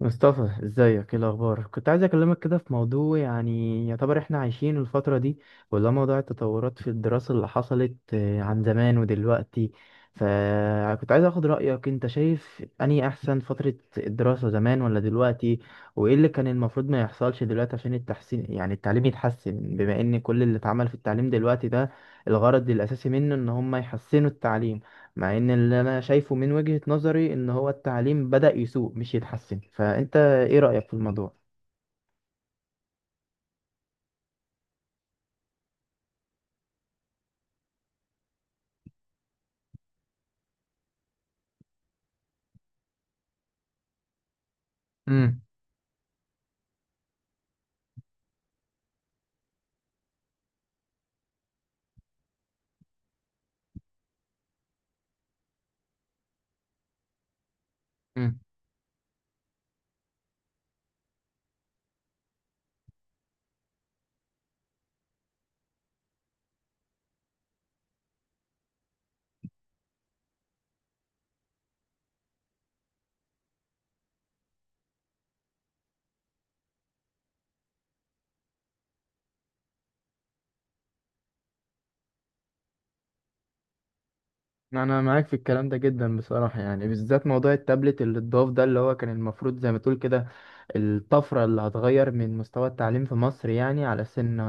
مصطفى ازيك، ايه الاخبار؟ كنت عايز اكلمك كده في موضوع، يعني يعتبر احنا عايشين الفتره دي، ولا موضوع التطورات في الدراسه اللي حصلت عن زمان ودلوقتي. فكنت عايز اخد رايك، انت شايف اني احسن فتره الدراسه زمان ولا دلوقتي؟ وايه اللي كان المفروض ما يحصلش دلوقتي عشان التحسين، يعني التعليم يتحسن؟ بما ان كل اللي اتعمل في التعليم دلوقتي ده الغرض الاساسي منه ان هم يحسنوا التعليم، مع ان اللي انا شايفه من وجهة نظري ان هو التعليم بدأ يسوء مش يتحسن. فانت ايه رأيك في الموضوع؟ امم. امم. انا معاك في الكلام ده جدا بصراحه، يعني بالذات موضوع التابلت اللي اتضاف ده، اللي هو كان المفروض زي ما تقول كده الطفرة اللي هتغير من مستوى التعليم في مصر، يعني على أساس إن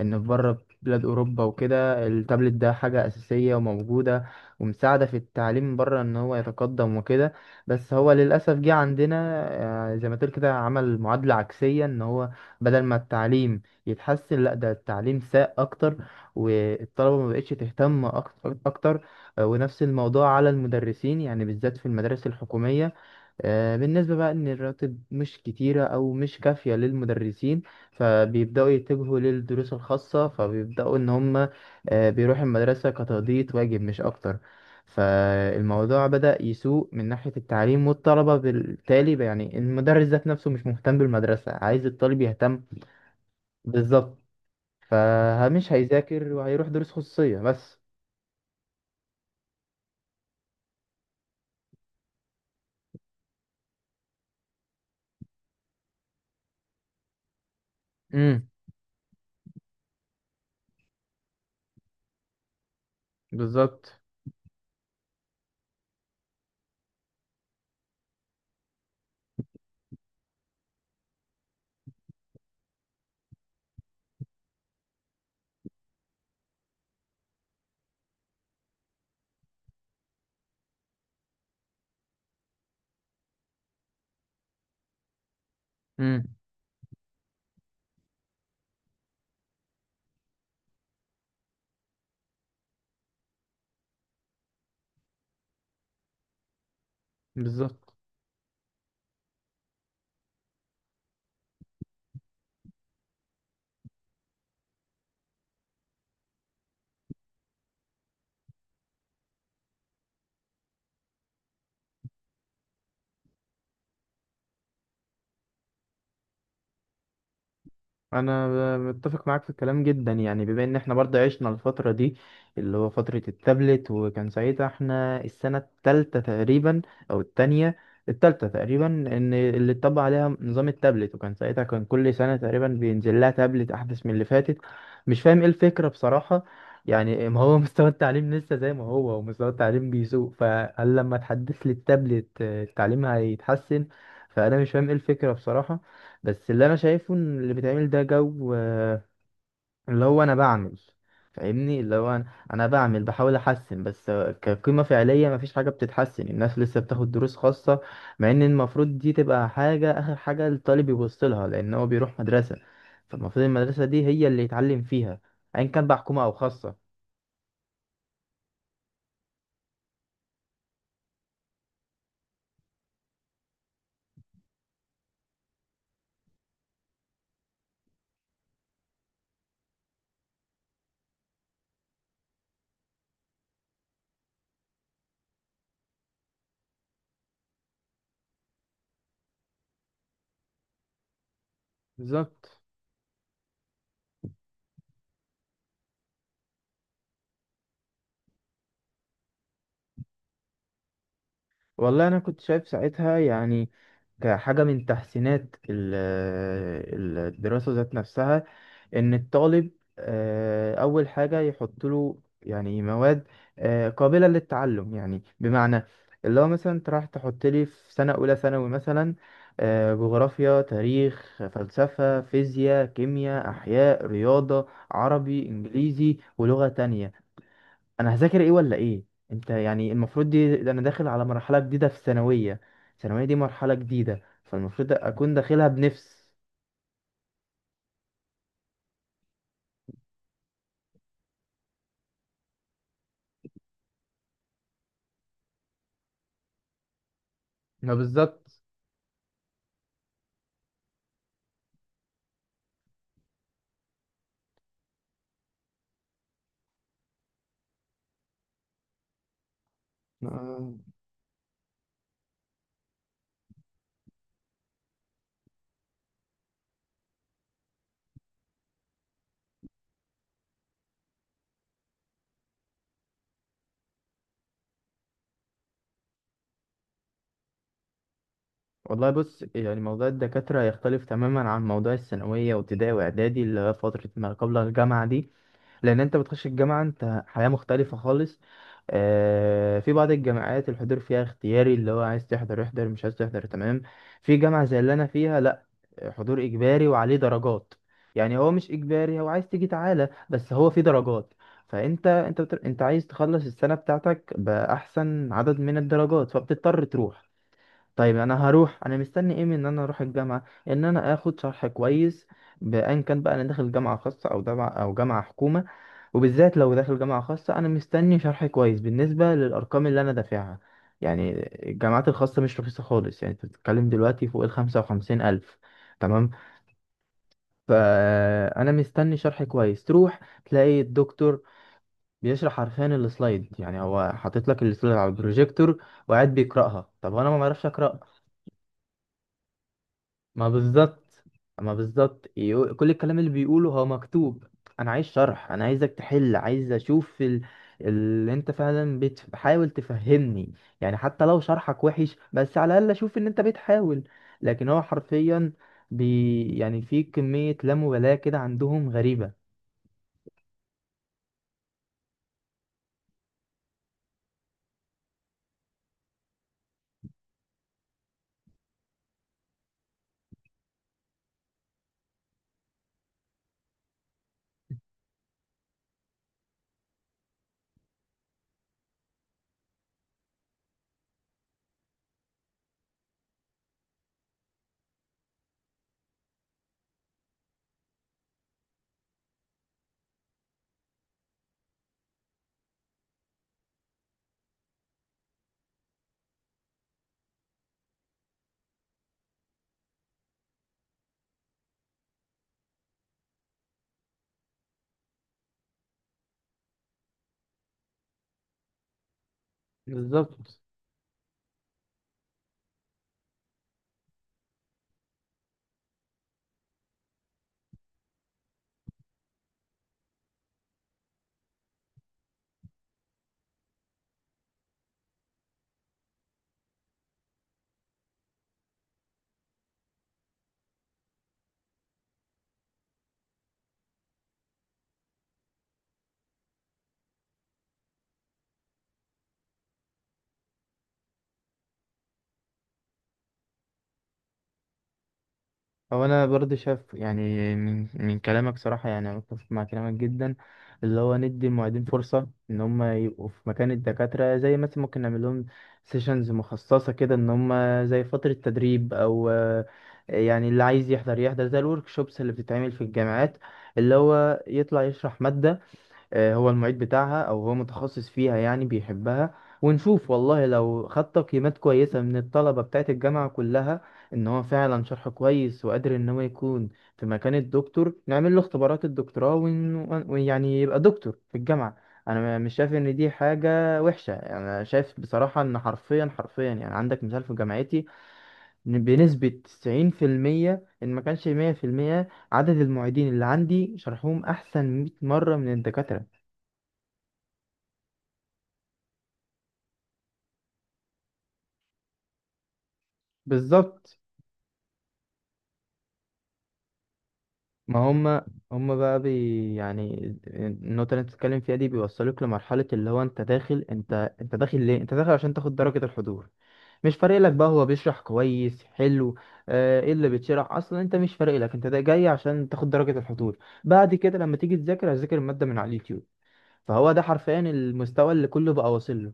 في بره بلاد أوروبا وكده التابلت ده حاجة أساسية وموجودة ومساعدة في التعليم بره، إن هو يتقدم وكده. بس هو للأسف جه عندنا زي ما تقول كده، عمل معادلة عكسية، إن هو بدل ما التعليم يتحسن، لأ، ده التعليم ساء أكتر، والطلبة ما بقتش تهتم أكتر. ونفس الموضوع على المدرسين، يعني بالذات في المدارس الحكومية، بالنسبة بقى إن الرواتب مش كتيرة أو مش كافية للمدرسين، فبيبدأوا يتجهوا للدروس الخاصة، فبيبدأوا إن هم بيروحوا المدرسة كتقضية واجب مش أكتر. فالموضوع بدأ يسوء من ناحية التعليم والطلبة، بالتالي بقى، يعني المدرس ذات نفسه مش مهتم بالمدرسة، عايز الطالب يهتم؟ بالظبط. فمش هيذاكر وهيروح دروس خصوصية بس. امم. بالظبط. امم. بالظبط. انا متفق معاك في الكلام جدا، يعني بما ان احنا برضه عشنا الفتره دي، اللي هو فتره التابلت، وكان ساعتها احنا السنه الثالثه تقريبا، او الثانيه، الثالثه تقريبا، ان اللي اتطبق عليها نظام التابلت. وكان ساعتها كان كل سنه تقريبا بينزل لها تابلت احدث من اللي فاتت. مش فاهم ايه الفكره بصراحه، يعني ما هو مستوى التعليم لسه زي ما هو، ومستوى التعليم بيسوء، فهل لما تحدث لي التابلت التعليم هيتحسن؟ فانا مش فاهم ايه الفكره بصراحه. بس اللي انا شايفه ان اللي بيتعمل ده جو اللي هو انا بعمل، فاهمني، اللي هو انا بعمل، بحاول احسن، بس كقيمة فعلية مفيش حاجة بتتحسن، الناس لسه بتاخد دروس خاصة، مع ان المفروض دي تبقى حاجة اخر حاجة الطالب يبص لها، لان هو بيروح مدرسة، فالمفروض المدرسة دي هي اللي يتعلم فيها، ايا كان بقى حكومة او خاصة. بالظبط. والله انا كنت شايف ساعتها، يعني كحاجة من تحسينات الدراسة ذات نفسها، ان الطالب اول حاجه يحط له، يعني مواد قابله للتعلم، يعني بمعنى اللي هو مثلا انت راح تحط لي في سنه اولى ثانوي مثلا جغرافيا، تاريخ، فلسفه، فيزياء، كيمياء، احياء، رياضه، عربي، انجليزي، ولغه تانية، انا هذاكر ايه ولا ايه؟ انت يعني المفروض دي، ده انا داخل على مرحله جديده في الثانويه، الثانويه دي مرحله جديده، فالمفروض اكون داخلها بنفس. ما بالظبط. آه. والله بص، يعني موضوع الدكاترة يختلف تماما عن موضوع الثانوية وابتدائي وإعدادي، اللي هي فترة ما قبل الجامعة دي، لأن أنت بتخش الجامعة أنت حياة مختلفة خالص. في بعض الجامعات الحضور فيها اختياري، اللي هو عايز تحضر احضر، مش عايز تحضر، تمام. في جامعة زي اللي أنا فيها، لأ، حضور إجباري وعليه درجات، يعني هو مش إجباري، هو عايز تيجي تعالى، بس هو في درجات. فأنت أنت عايز تخلص السنة بتاعتك بأحسن عدد من الدرجات، فبتضطر تروح. طيب انا هروح، انا مستني ايه من ان انا اروح الجامعه؟ ان انا اخد شرح كويس، بان كان بقى انا داخل جامعه خاصه او جامعه او جامعه حكومه، وبالذات لو داخل جامعه خاصه انا مستني شرح كويس بالنسبه للارقام اللي انا دافعها. يعني الجامعات الخاصه مش رخيصه خالص، يعني انت بتتكلم دلوقتي فوق الخمسة وخمسين الف. تمام. فانا مستني شرح كويس. تروح تلاقي الدكتور بيشرح حرفيا السلايد، يعني هو حاطط لك السلايد على البروجيكتور وقاعد بيقراها. طب انا ما بعرفش اقراها؟ ما بالظبط. ما بالظبط. كل الكلام اللي بيقوله هو مكتوب. انا عايز شرح، انا عايزك تحل، عايز اشوف اللي انت فعلا بتحاول تفهمني، يعني حتى لو شرحك وحش بس على الاقل اشوف ان انت بتحاول. لكن هو حرفيا يعني في كمية لا مبالاة كده عندهم غريبة. بالظبط. هو انا برضه شايف، يعني من كلامك صراحه، يعني انا متفق مع كلامك جدا، اللي هو ندي المعيدين فرصه ان هم يبقوا في مكان الدكاتره، زي مثلا ممكن نعمل لهم سيشنز مخصصه كده، ان هم زي فتره تدريب او يعني اللي عايز يحضر يحضر، زي الورك شوبس اللي بتتعمل في الجامعات، اللي هو يطلع يشرح ماده هو المعيد بتاعها او هو متخصص فيها، يعني بيحبها. ونشوف والله، لو خد تقييمات كويسة من الطلبة بتاعت الجامعة كلها ان هو فعلا شرحه كويس وقادر ان هو يكون في مكان الدكتور، نعمل له اختبارات الدكتوراه، ويعني يبقى دكتور في الجامعة. انا مش شايف ان دي حاجة وحشة، يعني انا شايف بصراحة ان حرفيا حرفيا، يعني عندك مثال في جامعتي، إن بنسبة 90% ان ما كانش 100%، عدد المعيدين اللي عندي شرحهم احسن 100 مرة من الدكاترة. بالظبط. ما هم، هم بقى بي، يعني النقطة اللي انت بتتكلم فيها دي بيوصلوك لمرحلة، اللي هو انت داخل، انت داخل ليه؟ انت داخل عشان تاخد درجة الحضور، مش فارق لك بقى هو بيشرح كويس حلو ايه اللي بيتشرح اصلا، انت مش فارق لك، انت ده جاي عشان تاخد درجة الحضور. بعد كده لما تيجي تذاكر، هتذاكر المادة من على اليوتيوب، فهو ده حرفيا المستوى اللي كله بقى واصل له.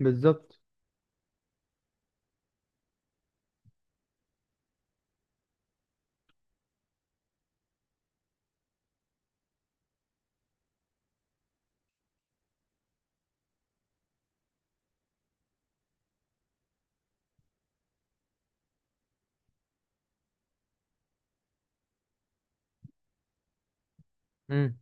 بالظبط. امم.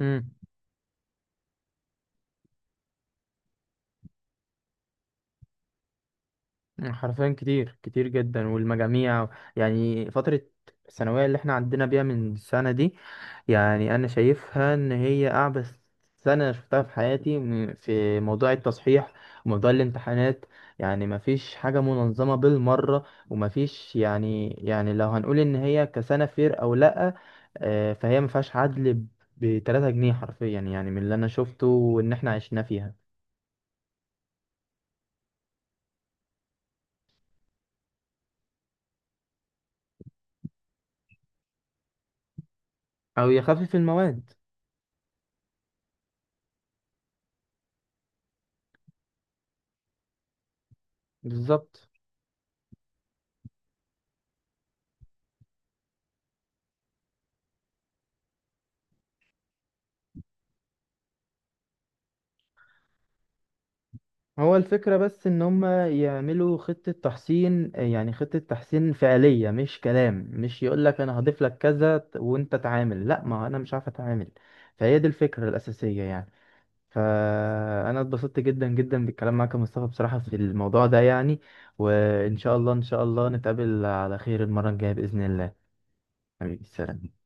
امم. حرفيا كتير كتير جدا، والمجاميع، يعني فترة الثانوية اللي احنا عدينا بيها من السنة دي، يعني أنا شايفها إن هي أعبث سنة شفتها في حياتي، في موضوع التصحيح وموضوع الامتحانات، يعني مفيش حاجة منظمة بالمرة، ومفيش، يعني يعني لو هنقول إن هي كسنة فير أو لأ فهي مفيهاش عدل بتلاتة جنيه حرفيا، يعني من اللي أنا شفته وإن احنا عشنا فيها. أو يخفف المواد. بالظبط. هو الفكرة بس إن هما يعملوا خطة تحسين، يعني خطة تحسين فعلية مش كلام، مش يقولك أنا هضيف لك وأنت تعامل، لأ، ما هو أنا مش عارف أتعامل. فهي دي الفكرة الأساسية يعني. فأنا اتبسطت جدا جدا بالكلام معاك يا مصطفى بصراحة في الموضوع ده يعني. وإن شاء الله، إن شاء الله نتقابل على خير المرة الجاية بإذن الله. حبيبي، سلام.